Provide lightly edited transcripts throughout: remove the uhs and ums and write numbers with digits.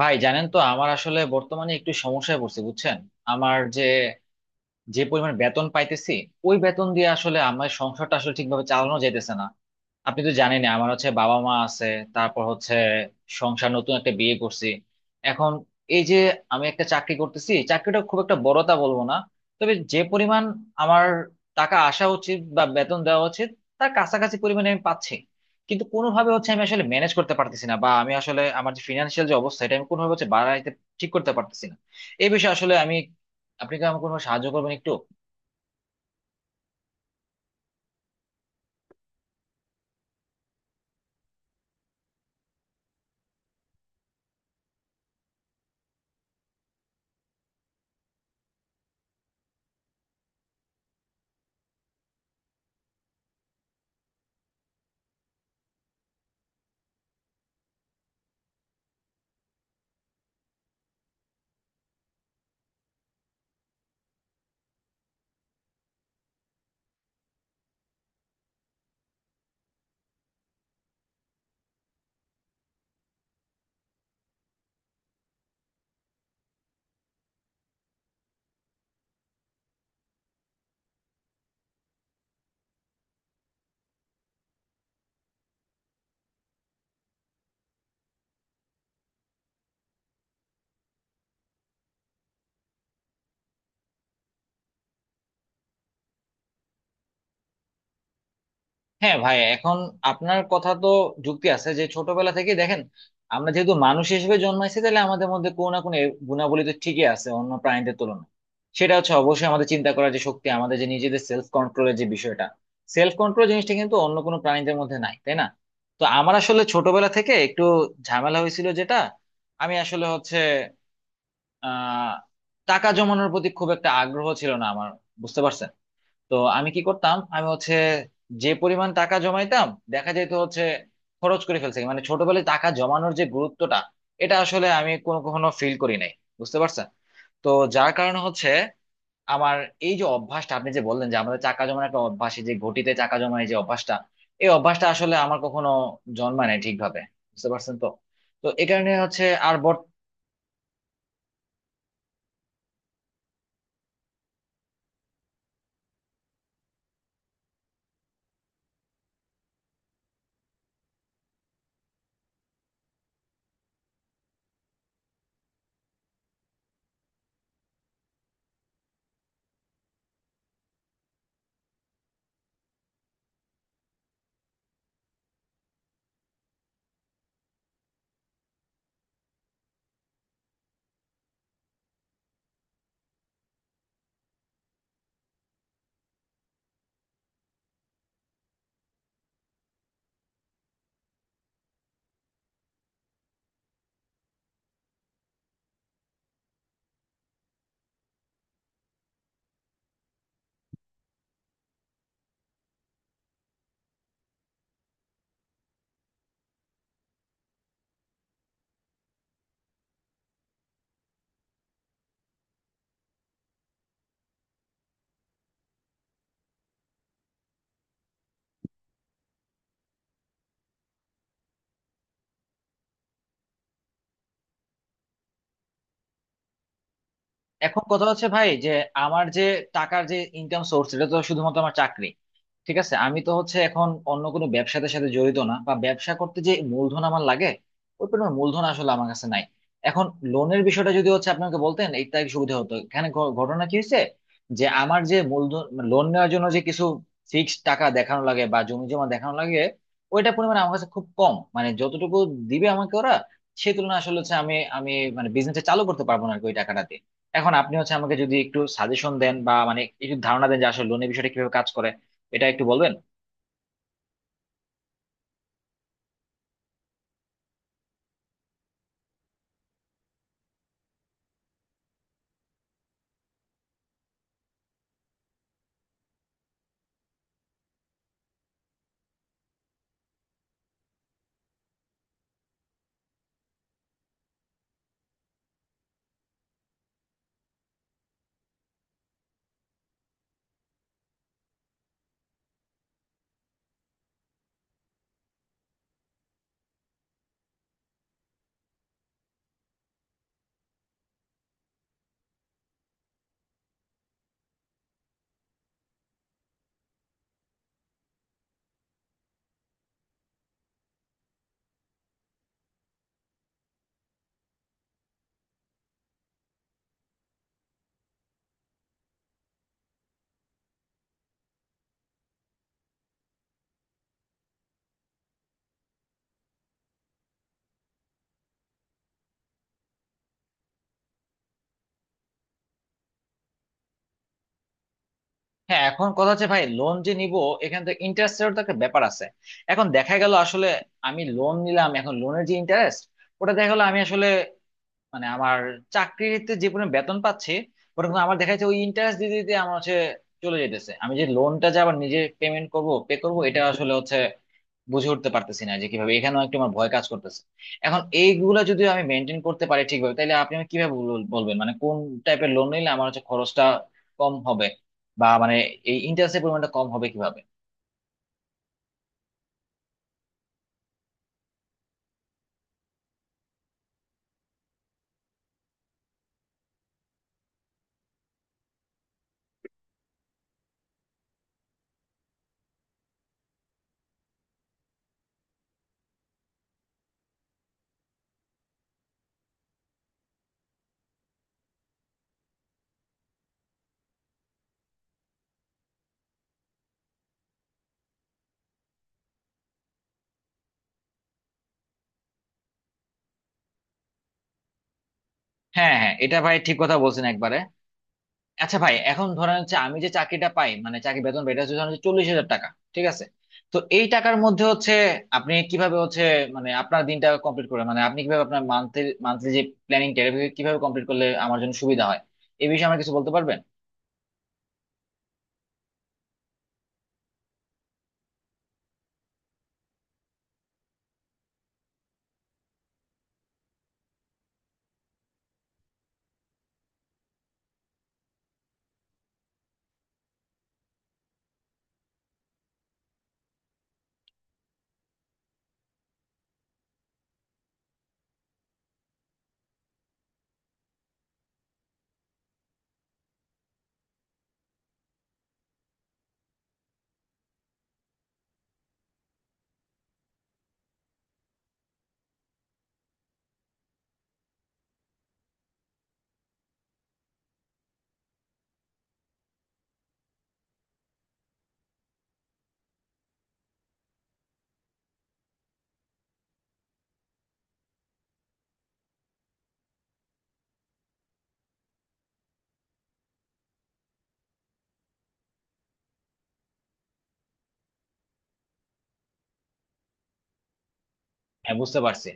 ভাই জানেন তো, আমার আসলে বর্তমানে একটু সমস্যায় পড়ছি, বুঝছেন? যে পরিমাণ বেতন পাইতেছি, ওই বেতন দিয়ে আসলে আমার সংসারটা আসলে ঠিকভাবে চালানো যাইতেছে না। আপনি তো জানেন আমার হচ্ছে বাবা মা আছে, তারপর হচ্ছে সংসার, নতুন একটা বিয়ে করছি। এখন এই যে আমি একটা চাকরি করতেছি, চাকরিটা খুব একটা বড়তা বলবো না, তবে যে পরিমাণ আমার টাকা আসা উচিত বা বেতন দেওয়া উচিত, তার কাছাকাছি পরিমাণে আমি পাচ্ছি, কিন্তু কোনোভাবে হচ্ছে আমি আসলে ম্যানেজ করতে পারতেছি না, বা আমি আসলে আমার যে ফিনান্সিয়াল যে অবস্থা, এটা আমি কোনোভাবে হচ্ছে বাড়াইতে ঠিক করতে পারতেছি না। এই বিষয়ে আসলে আমি, আপনি কি আমাকে কোনো সাহায্য করবেন একটু? হ্যাঁ ভাই, এখন আপনার কথা তো যুক্তি আছে যে ছোটবেলা থেকে দেখেন, আমরা যেহেতু মানুষ হিসেবে জন্মাইছি, তাহলে আমাদের মধ্যে কোনো না কোনো গুণাবলী তো ঠিকই আছে অন্য প্রাণীদের তুলনায়। সেটা হচ্ছে অবশ্যই আমাদের চিন্তা করার যে শক্তি, আমাদের যে নিজেদের সেলফ কন্ট্রোলের যে বিষয়টা। সেলফ কন্ট্রোল জিনিসটা কিন্তু অন্য কোনো প্রাণীদের মধ্যে নাই, তাই না? তো আমার আসলে ছোটবেলা থেকে একটু ঝামেলা হয়েছিল যেটা, আমি আসলে হচ্ছে আহ টাকা জমানোর প্রতি খুব একটা আগ্রহ ছিল না আমার, বুঝতে পারছেন? তো আমি কি করতাম, আমি হচ্ছে যে পরিমাণ টাকা জমাইতাম, দেখা যেত হচ্ছে খরচ করে ফেলছে। মানে ছোটবেলায় টাকা জমানোর যে গুরুত্বটা, এটা আসলে আমি কোনো কখনো ফিল করি নাই, বুঝতে পারছেন তো যার কারণে হচ্ছে আমার এই যে অভ্যাসটা, আপনি যে বললেন যে আমাদের টাকা জমানো একটা অভ্যাস, এই যে ঘটিতে টাকা জমানো, এই যে অভ্যাসটা, এই অভ্যাসটা আসলে আমার কখনো জন্মায় নাই ঠিকভাবে, বুঝতে পারছেন তো? তো এই কারণে হচ্ছে আর। এখন কথা হচ্ছে ভাই যে, আমার যে টাকার যে ইনকাম সোর্স, এটা তো শুধুমাত্র আমার চাকরি। ঠিক আছে, আমি তো হচ্ছে এখন অন্য কোনো ব্যবসাতে সাথে জড়িত না, বা ব্যবসা করতে যে মূলধন আমার লাগে, ওই পরিমাণ মূলধন আসলে আমার কাছে নাই। এখন লোনের বিষয়টা যদি হচ্ছে আপনাকে বলতেন, এটা সুবিধা হতো। এখানে ঘটনা কি হয়েছে যে আমার যে মূলধন, লোন নেওয়ার জন্য যে কিছু ফিক্সড টাকা দেখানো লাগে বা জমি জমা দেখানো লাগে, ওইটা পরিমাণ আমার কাছে খুব কম। মানে যতটুকু দিবে আমাকে ওরা, সেই তুলনায় আসলে হচ্ছে আমি আমি মানে বিজনেসটা চালু করতে পারবো না আর কি ওই টাকাটা দিয়ে। এখন আপনি হচ্ছে আমাকে যদি একটু সাজেশন দেন, বা মানে একটু ধারণা দেন যে আসলে লোনের বিষয়টা কিভাবে কাজ করে, এটা একটু বলবেন। হ্যাঁ, এখন কথা হচ্ছে ভাই, লোন যে নিব, এখানে তো ইন্টারেস্টের তো একটা ব্যাপার আছে। এখন দেখা গেল আসলে আমি লোন নিলাম, এখন লোনের যে ইন্টারেস্ট, ওটা দেখা গেলো আমি আসলে, মানে আমার চাকরিতে যে পরিমাণ বেতন পাচ্ছি, ওটা কিন্তু আমার দেখা যাচ্ছে ওই ইন্টারেস্ট দিতে দিতে আমার হচ্ছে চলে যেতেছে। আমি যে লোনটা যে আবার নিজে পেমেন্ট করব, পে করব, এটা আসলে হচ্ছে বুঝে উঠতে পারতেছি না যে কিভাবে। এখানেও একটু আমার ভয় কাজ করতেছে। এখন এইগুলো যদি আমি মেনটেন করতে পারি ঠিকভাবে, তাহলে আপনি আমাকে কিভাবে বলবেন মানে কোন টাইপের লোন নিলে আমার হচ্ছে খরচটা কম হবে, বা মানে এই ইন্টারেস্টের পরিমাণটা কম হবে কিভাবে? হ্যাঁ হ্যাঁ, এটা ভাই ঠিক কথা বলছেন একবারে। আচ্ছা ভাই, এখন ধরেন হচ্ছে আমি যে চাকরিটা পাই, মানে চাকরি বেতন পাই, এটা হচ্ছে ধরেন 40,000 টাকা। ঠিক আছে, তো এই টাকার মধ্যে হচ্ছে আপনি কিভাবে হচ্ছে, মানে আপনার দিনটা কমপ্লিট করে, মানে আপনি কিভাবে আপনার মান্থলি মান্থলি যে প্ল্যানিং কিভাবে কমপ্লিট করলে আমার জন্য সুবিধা হয়, এই বিষয়ে আমার কিছু বলতে পারবেন? হ্যাঁ বুঝতে পারছি।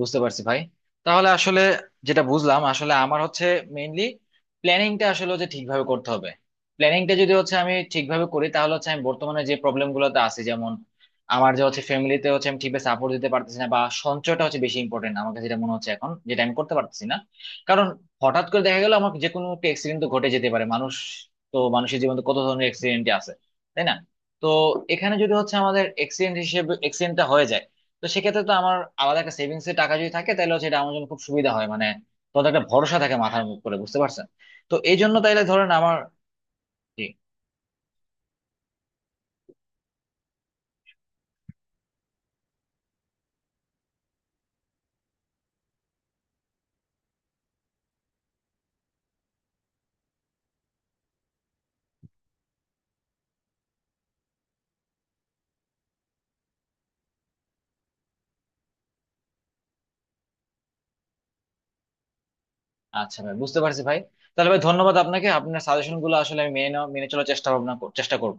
বুঝতে পারছি ভাই। তাহলে আসলে যেটা বুঝলাম আসলে আমার হচ্ছে মেইনলি প্ল্যানিংটা আসলে হচ্ছে ঠিকভাবে করতে হবে। প্ল্যানিংটা যদি হচ্ছে আমি ঠিকভাবে করি, তাহলে হচ্ছে আমি বর্তমানে যে প্রবলেম গুলোতে আছি, যেমন আমার যে হচ্ছে ফ্যামিলিতে হচ্ছে আমি ঠিকভাবে সাপোর্ট দিতে পারতেছি না, বা সঞ্চয়টা হচ্ছে বেশি ইম্পর্টেন্ট আমার কাছে, যেটা মনে হচ্ছে এখন যেটা আমি করতে পারতেছি না। কারণ হঠাৎ করে দেখা গেল আমার যে কোনো একটা অ্যাক্সিডেন্ট তো ঘটে যেতে পারে মানুষ, তো মানুষের জীবনে তো কত ধরনের অ্যাক্সিডেন্ট আছে, তাই না? তো এখানে যদি হচ্ছে আমাদের অ্যাক্সিডেন্ট হিসেবে, তো সেক্ষেত্রে তো আমার আলাদা একটা সেভিংস এর টাকা যদি থাকে, তাহলে সেটা আমার জন্য খুব সুবিধা হয়। মানে তোদের একটা ভরসা থাকে মাথার মুখ করে, বুঝতে পারছেন? তো এই জন্য তাইলে ধরেন আমার। জি। আচ্ছা ভাই, বুঝতে পারছি ভাই। তাহলে ভাই ধন্যবাদ আপনাকে, আপনার সাজেশন গুলো আসলে আমি মেনে চলার চেষ্টা করব।